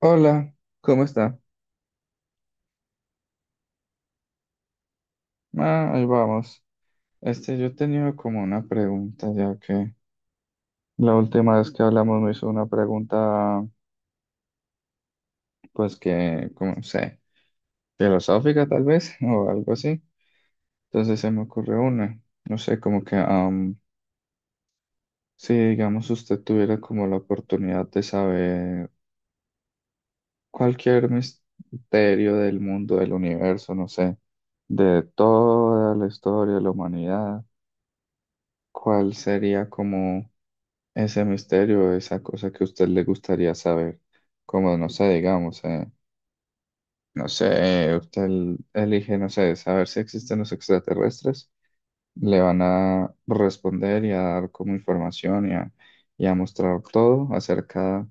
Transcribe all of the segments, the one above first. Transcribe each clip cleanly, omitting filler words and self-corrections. Hola, ¿cómo está? Ah, ahí vamos. Este, yo tenía como una pregunta, ya que la última vez que hablamos me hizo una pregunta, pues que, como no sé, filosófica tal vez, o algo así. Entonces se me ocurrió una, no sé, como que, si digamos usted tuviera como la oportunidad de saber cualquier misterio del mundo, del universo, no sé, de toda la historia de la humanidad, ¿cuál sería como ese misterio, esa cosa que a usted le gustaría saber, como no sé, digamos, no sé, elige, no sé, saber si existen los extraterrestres, le van a responder y a dar como información y a mostrar todo acerca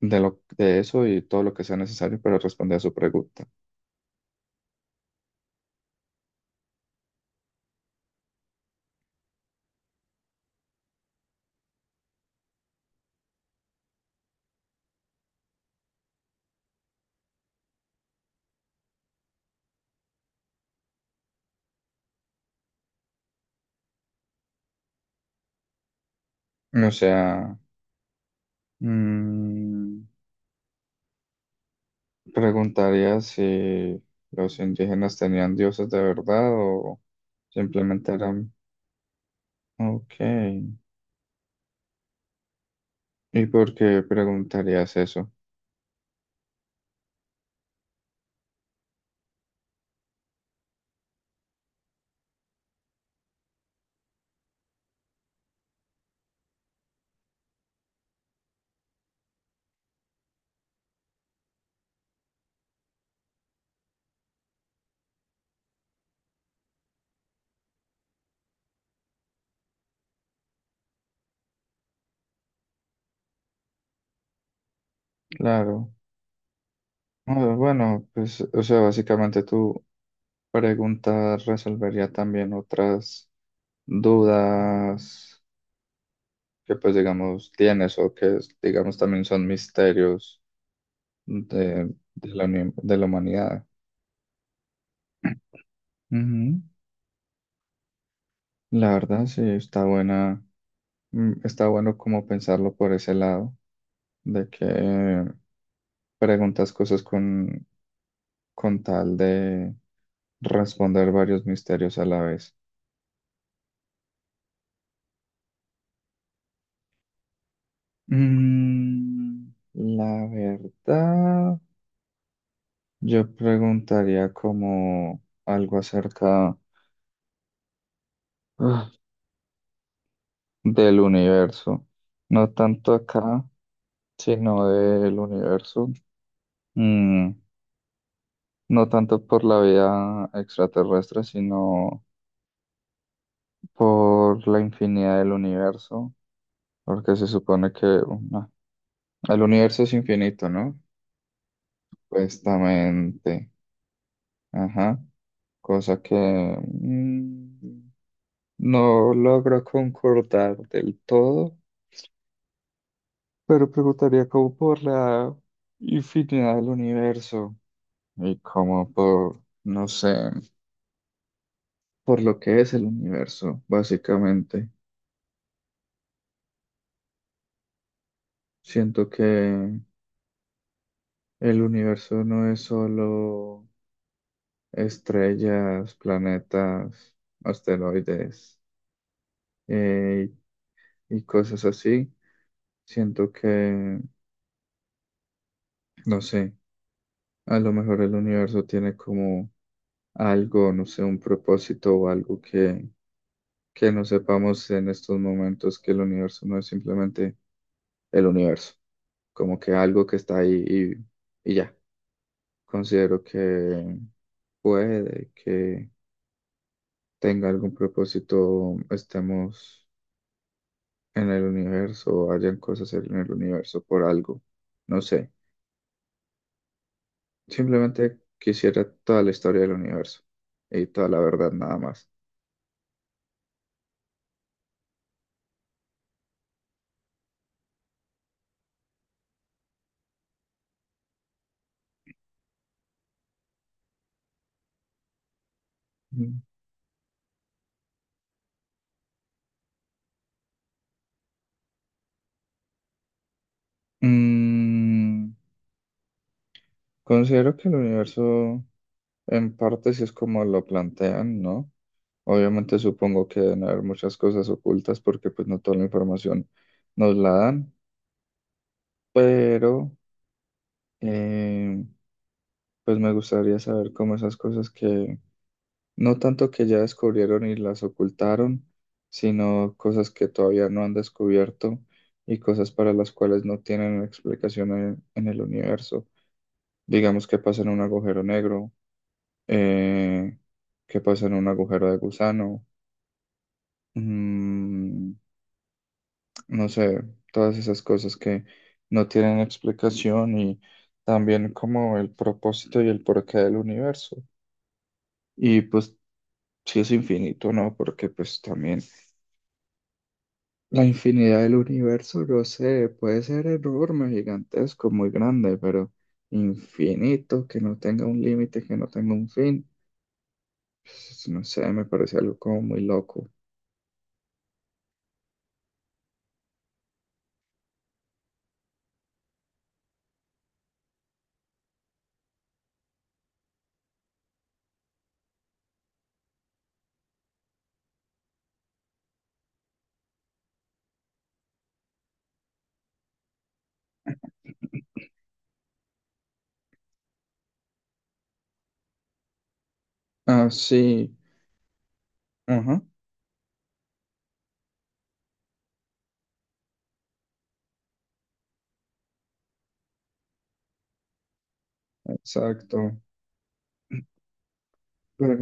de eso y todo lo que sea necesario para responder a su pregunta. O sea, mm, preguntaría si los indígenas tenían dioses de verdad o simplemente eran... Ok. ¿Y por qué preguntarías eso? Claro. Ah, bueno, pues, o sea, básicamente tu pregunta resolvería también otras dudas que, pues, digamos, tienes o que, digamos, también son misterios de la humanidad. Ujú. La verdad, sí, está buena, mm, está bueno como pensarlo por ese lado, de que preguntas cosas con tal de responder varios misterios a la vez. Mm, la verdad, yo preguntaría como algo acerca ah, del universo, no tanto acá, sino del universo. Mm, no tanto por la vida extraterrestre, sino por la infinidad del universo, porque se supone que el universo es infinito, ¿no? Supuestamente, ajá, cosa que mm, no logro concordar del todo, pero preguntaría como por la infinidad del universo y como por, no sé, por lo que es el universo, básicamente. Siento que el universo no es solo estrellas, planetas, asteroides, eh, y cosas así. Siento que, no sé, a lo mejor el universo tiene como algo, no sé, un propósito o algo que no sepamos en estos momentos, que el universo no es simplemente el universo, como que algo que está ahí y ya. Considero que puede que tenga algún propósito, estemos en el universo o hayan cosas en el universo por algo, no sé. Simplemente quisiera toda la historia del universo y toda la verdad nada más. Mm. Mm, considero que el universo en parte sí es como lo plantean, ¿no? Obviamente supongo que deben haber muchas cosas ocultas porque pues no toda la información nos la dan, pero eh, pues me gustaría saber cómo esas cosas que no tanto que ya descubrieron y las ocultaron, sino cosas que todavía no han descubierto y cosas para las cuales no tienen explicación en el universo. Digamos que pasa en un agujero negro, eh, que pasa en un agujero de gusano, mm, no sé, todas esas cosas que no tienen explicación y también como el propósito y el porqué del universo. Y pues, si es infinito, ¿no? Porque pues también la infinidad del universo, no sé, puede ser enorme, gigantesco, muy grande, pero infinito, que no tenga un límite, que no tenga un fin, pues, no sé, me parece algo como muy loco. Ah, sí, ajá, exacto. Pero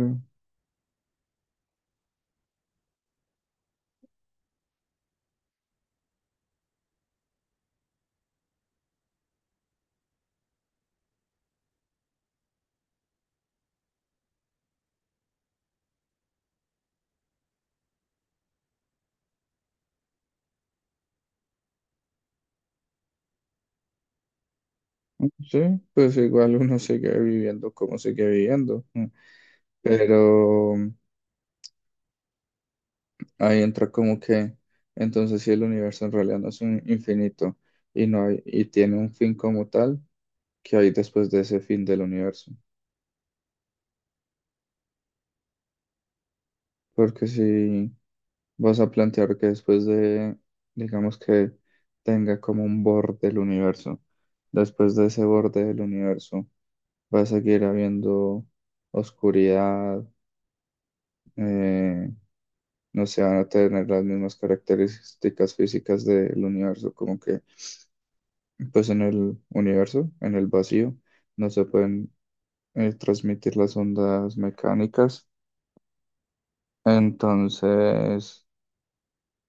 sí, pues igual uno sigue viviendo como sigue viviendo, mm, pero mm, ahí entra como que entonces si el universo en realidad no es un infinito y no hay, y tiene un fin como tal, ¿qué hay después de ese fin del universo? Porque si vas a plantear que después de, digamos que tenga como un borde el universo, después de ese borde del universo va a seguir habiendo oscuridad, eh, no se van a tener las mismas características físicas del universo, como que pues en el universo, en el vacío, no se pueden transmitir las ondas mecánicas, entonces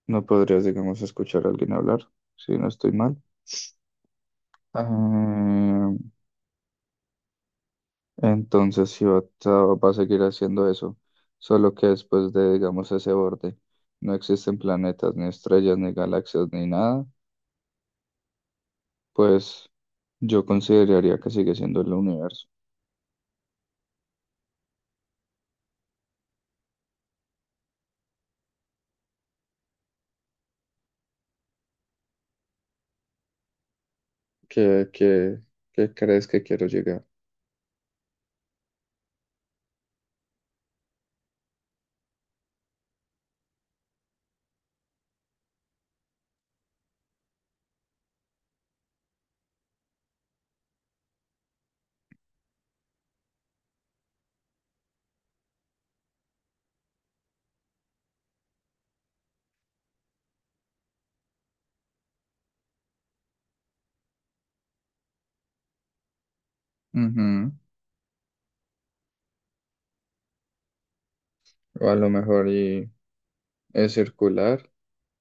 no podrías, digamos, escuchar a alguien hablar, si no estoy mal. Eh, entonces sí va, a va a seguir haciendo eso, solo que después de, digamos, ese borde, no existen planetas, ni estrellas, ni galaxias, ni nada. Pues yo consideraría que sigue siendo el universo. ¿Qué, qué, qué crees que quiero llegar? Ujú. O a lo mejor y es circular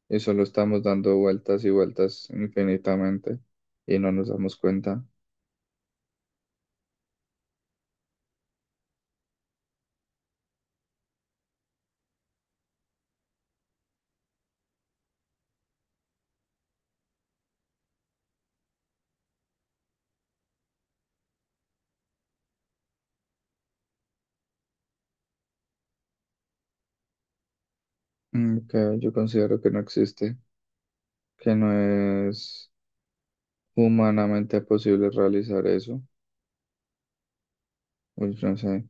y solo estamos dando vueltas y vueltas infinitamente y no nos damos cuenta. Mm, que yo considero que no existe, que no es humanamente posible realizar eso. Uy, no sé,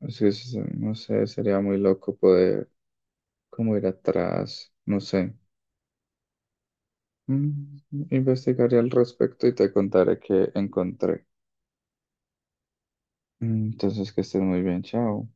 es que no sé, sería muy loco poder como ir atrás, no sé. Mm, investigaré al respecto y te contaré qué encontré. Mm, entonces, que estés muy bien, chao.